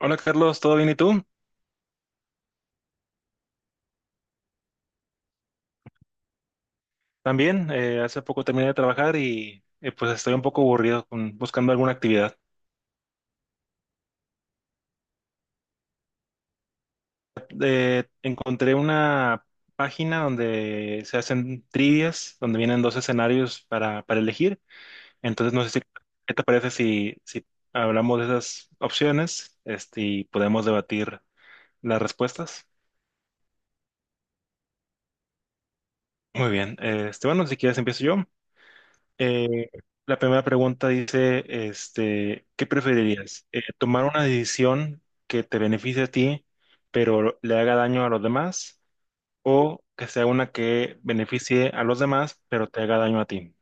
Hola Carlos, ¿todo bien y tú? También, hace poco terminé de trabajar y pues estoy un poco aburrido buscando alguna actividad. Encontré una página donde se hacen trivias, donde vienen dos escenarios para, elegir. Entonces, no sé si, ¿qué te parece si, hablamos de esas opciones y podemos debatir las respuestas? Muy bien, bueno, si quieres empiezo yo. Eh, la primera pregunta dice, ¿qué preferirías? ¿Tomar una decisión que te beneficie a ti, pero le haga daño a los demás? ¿O que sea una que beneficie a los demás, pero te haga daño a ti?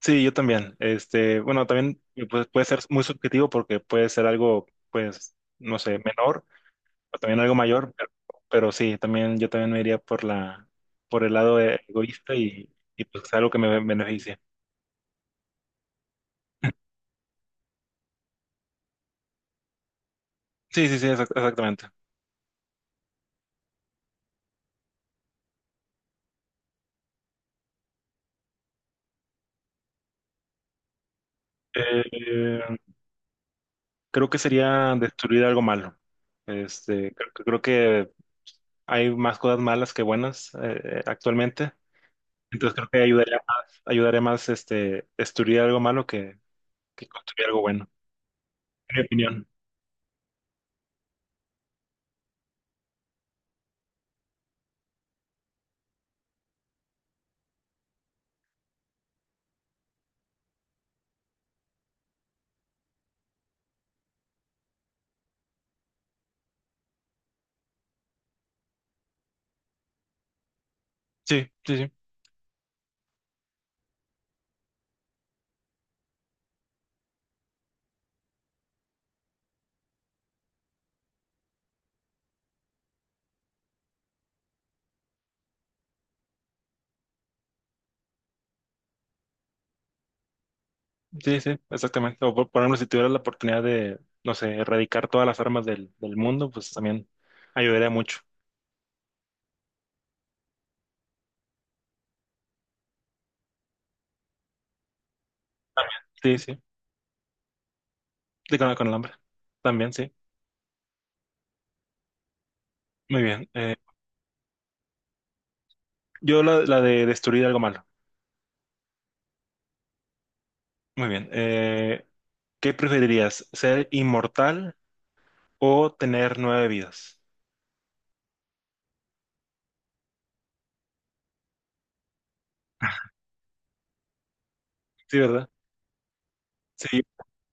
Sí, yo también. Bueno, también pues, puede ser muy subjetivo porque puede ser algo, pues, no sé, menor o también algo mayor, pero sí, también yo también me iría por el lado egoísta y pues algo que me beneficie. Sí, sí, sí, exactamente. Eh, Creo que sería destruir algo malo. Creo que hay más cosas malas que buenas actualmente. Entonces creo que ayudaría más destruir algo malo que construir algo bueno, en mi opinión. Sí, sí, sí, sí, sí, exactamente. O por ejemplo, si tuvieras la oportunidad de, no sé, erradicar todas las armas del mundo, pues también ayudaría mucho. También. Sí, sí, sí, con el hambre. También, sí. Muy bien. Yo la de destruir algo malo. Muy bien. ¿Qué preferirías? ¿Ser inmortal o tener nueve vidas? Sí, ¿verdad? Sí,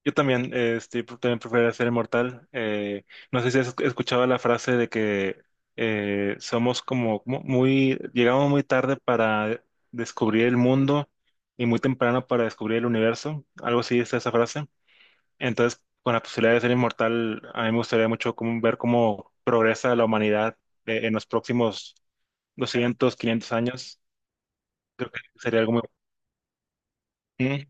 yo también, yo también preferiría ser inmortal. No sé si has escuchado la frase de que somos como llegamos muy tarde para descubrir el mundo y muy temprano para descubrir el universo. Algo así es esa frase. Entonces, con la posibilidad de ser inmortal, a mí me gustaría mucho ver cómo progresa la humanidad en los próximos 200, 500 años. Creo que sería algo muy. Mm.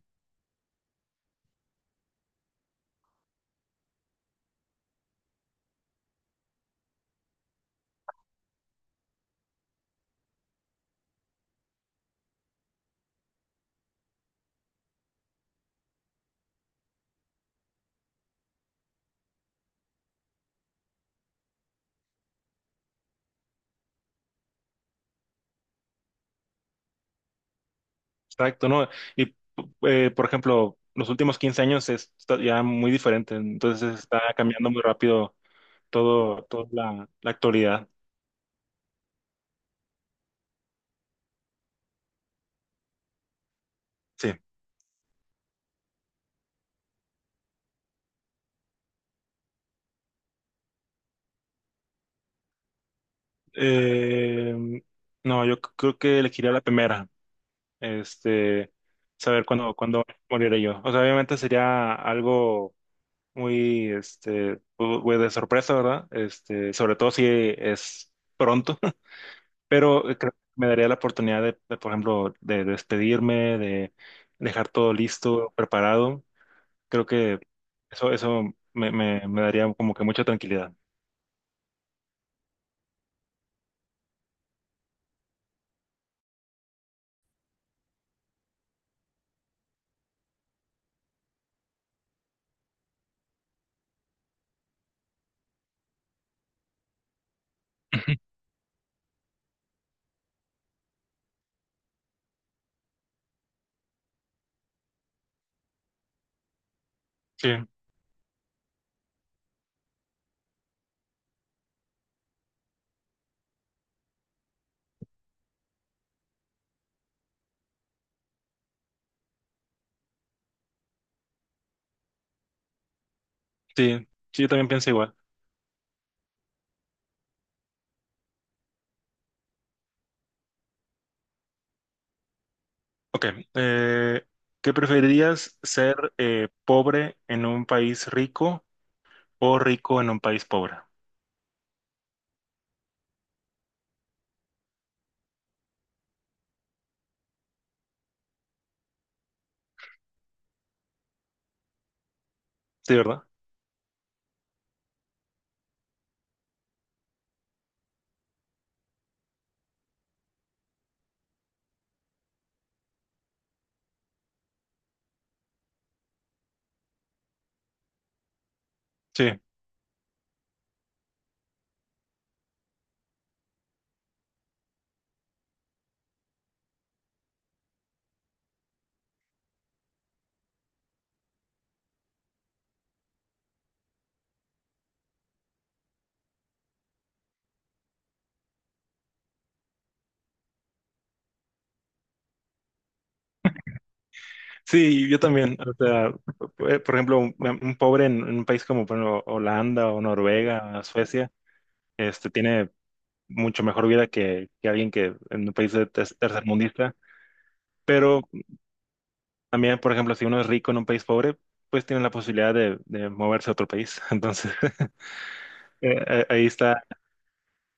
Exacto, ¿no? Y por ejemplo, los últimos 15 años está ya muy diferente, entonces está cambiando muy rápido todo, toda la actualidad. Sí. Eh, no, yo creo que elegiría la primera, este, saber cuándo moriré yo. O sea, obviamente sería algo muy, pues, de sorpresa, ¿verdad? Sobre todo si es pronto. Pero creo que me daría la oportunidad de, por ejemplo, de despedirme, de dejar todo listo, preparado. Creo que eso me daría como que mucha tranquilidad. Ujú. Sí, sí, sí, yo también pienso igual. Ok, eh, ¿qué preferirías ser pobre en un país rico o rico en un país pobre? Sí, ¿verdad? Sí, sí, yo también. O sea, por ejemplo, un pobre en un país como por ejemplo, Holanda o Noruega, Suecia, tiene mucho mejor vida que alguien que en un país de tercermundista. Pero también, por ejemplo, si uno es rico en un país pobre, pues tiene la posibilidad de moverse a otro país. Entonces, ahí está,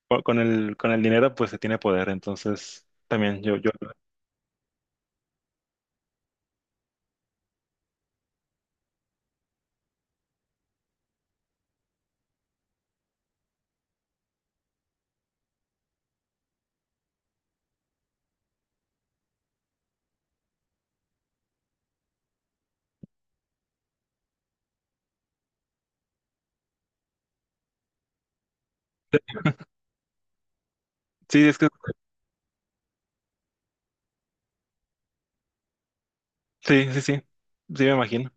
con el dinero, pues se tiene poder. Entonces, también yo, sí, es que, sí, sí, sí, sí, me imagino.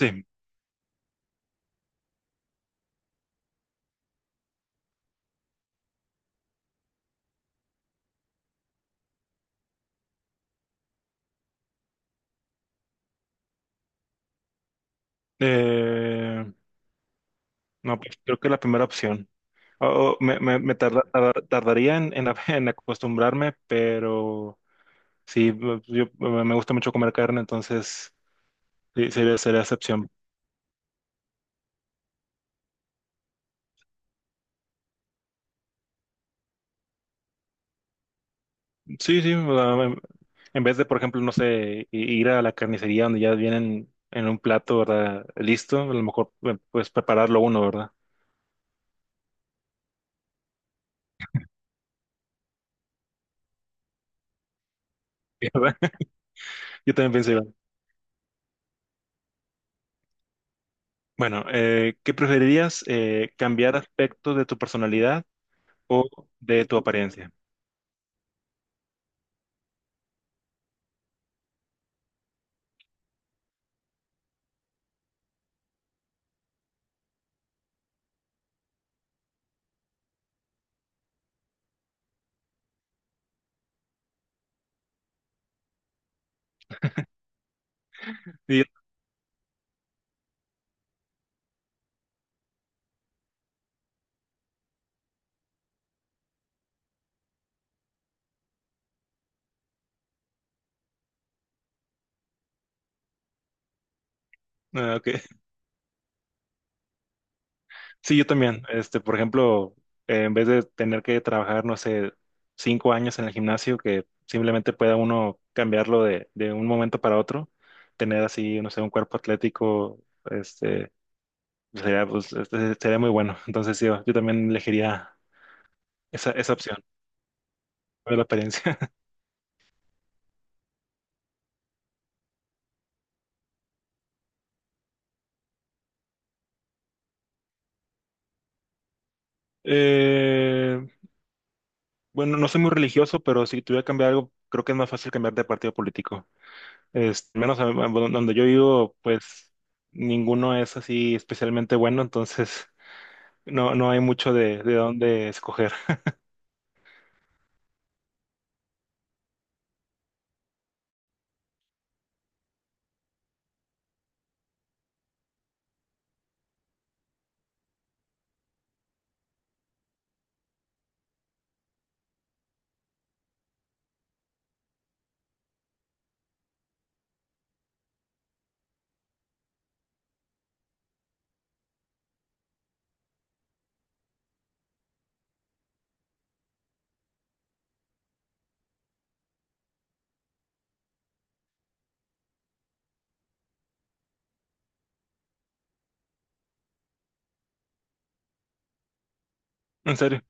Sí. Eh, no, pues creo que la primera opción. O- o me tardaría en acostumbrarme, pero sí, pues yo, me gusta mucho comer carne, entonces. Sí, sería excepción. Sí, sí, o sea, en vez de, por ejemplo, no sé, ir a la carnicería donde ya vienen en un plato, ¿verdad? Listo, a lo mejor pues prepararlo uno, ¿verdad? ¿Verdad? Yo también pensé, igual. Bueno, ¿qué preferirías? ¿Cambiar aspectos de tu personalidad o de tu apariencia? Y ah, ok. Sí, yo también. Por ejemplo, en vez de tener que trabajar, no sé, 5 años en el gimnasio, que simplemente pueda uno cambiarlo de un momento para otro, tener así, no sé, un cuerpo atlético, este, sería muy bueno. Entonces, sí, yo también elegiría esa opción de la apariencia. Eh, bueno, no soy muy religioso, pero si tuviera que cambiar algo, creo que es más fácil cambiar de partido político. Menos donde yo vivo, pues ninguno es así especialmente bueno, entonces no hay mucho de dónde escoger. En serio.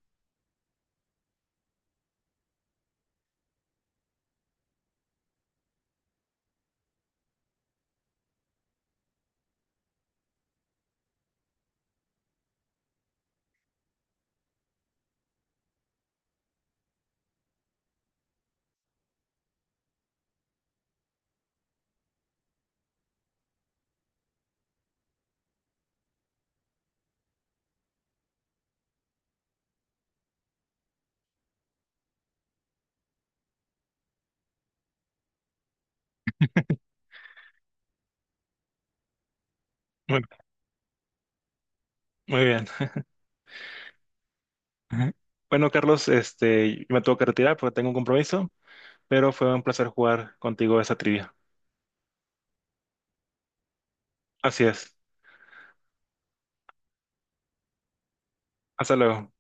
Muy, muy bien. Ajá. Bueno, Carlos, me tengo que retirar porque tengo un compromiso, pero fue un placer jugar contigo esa trivia. Así es. Hasta luego.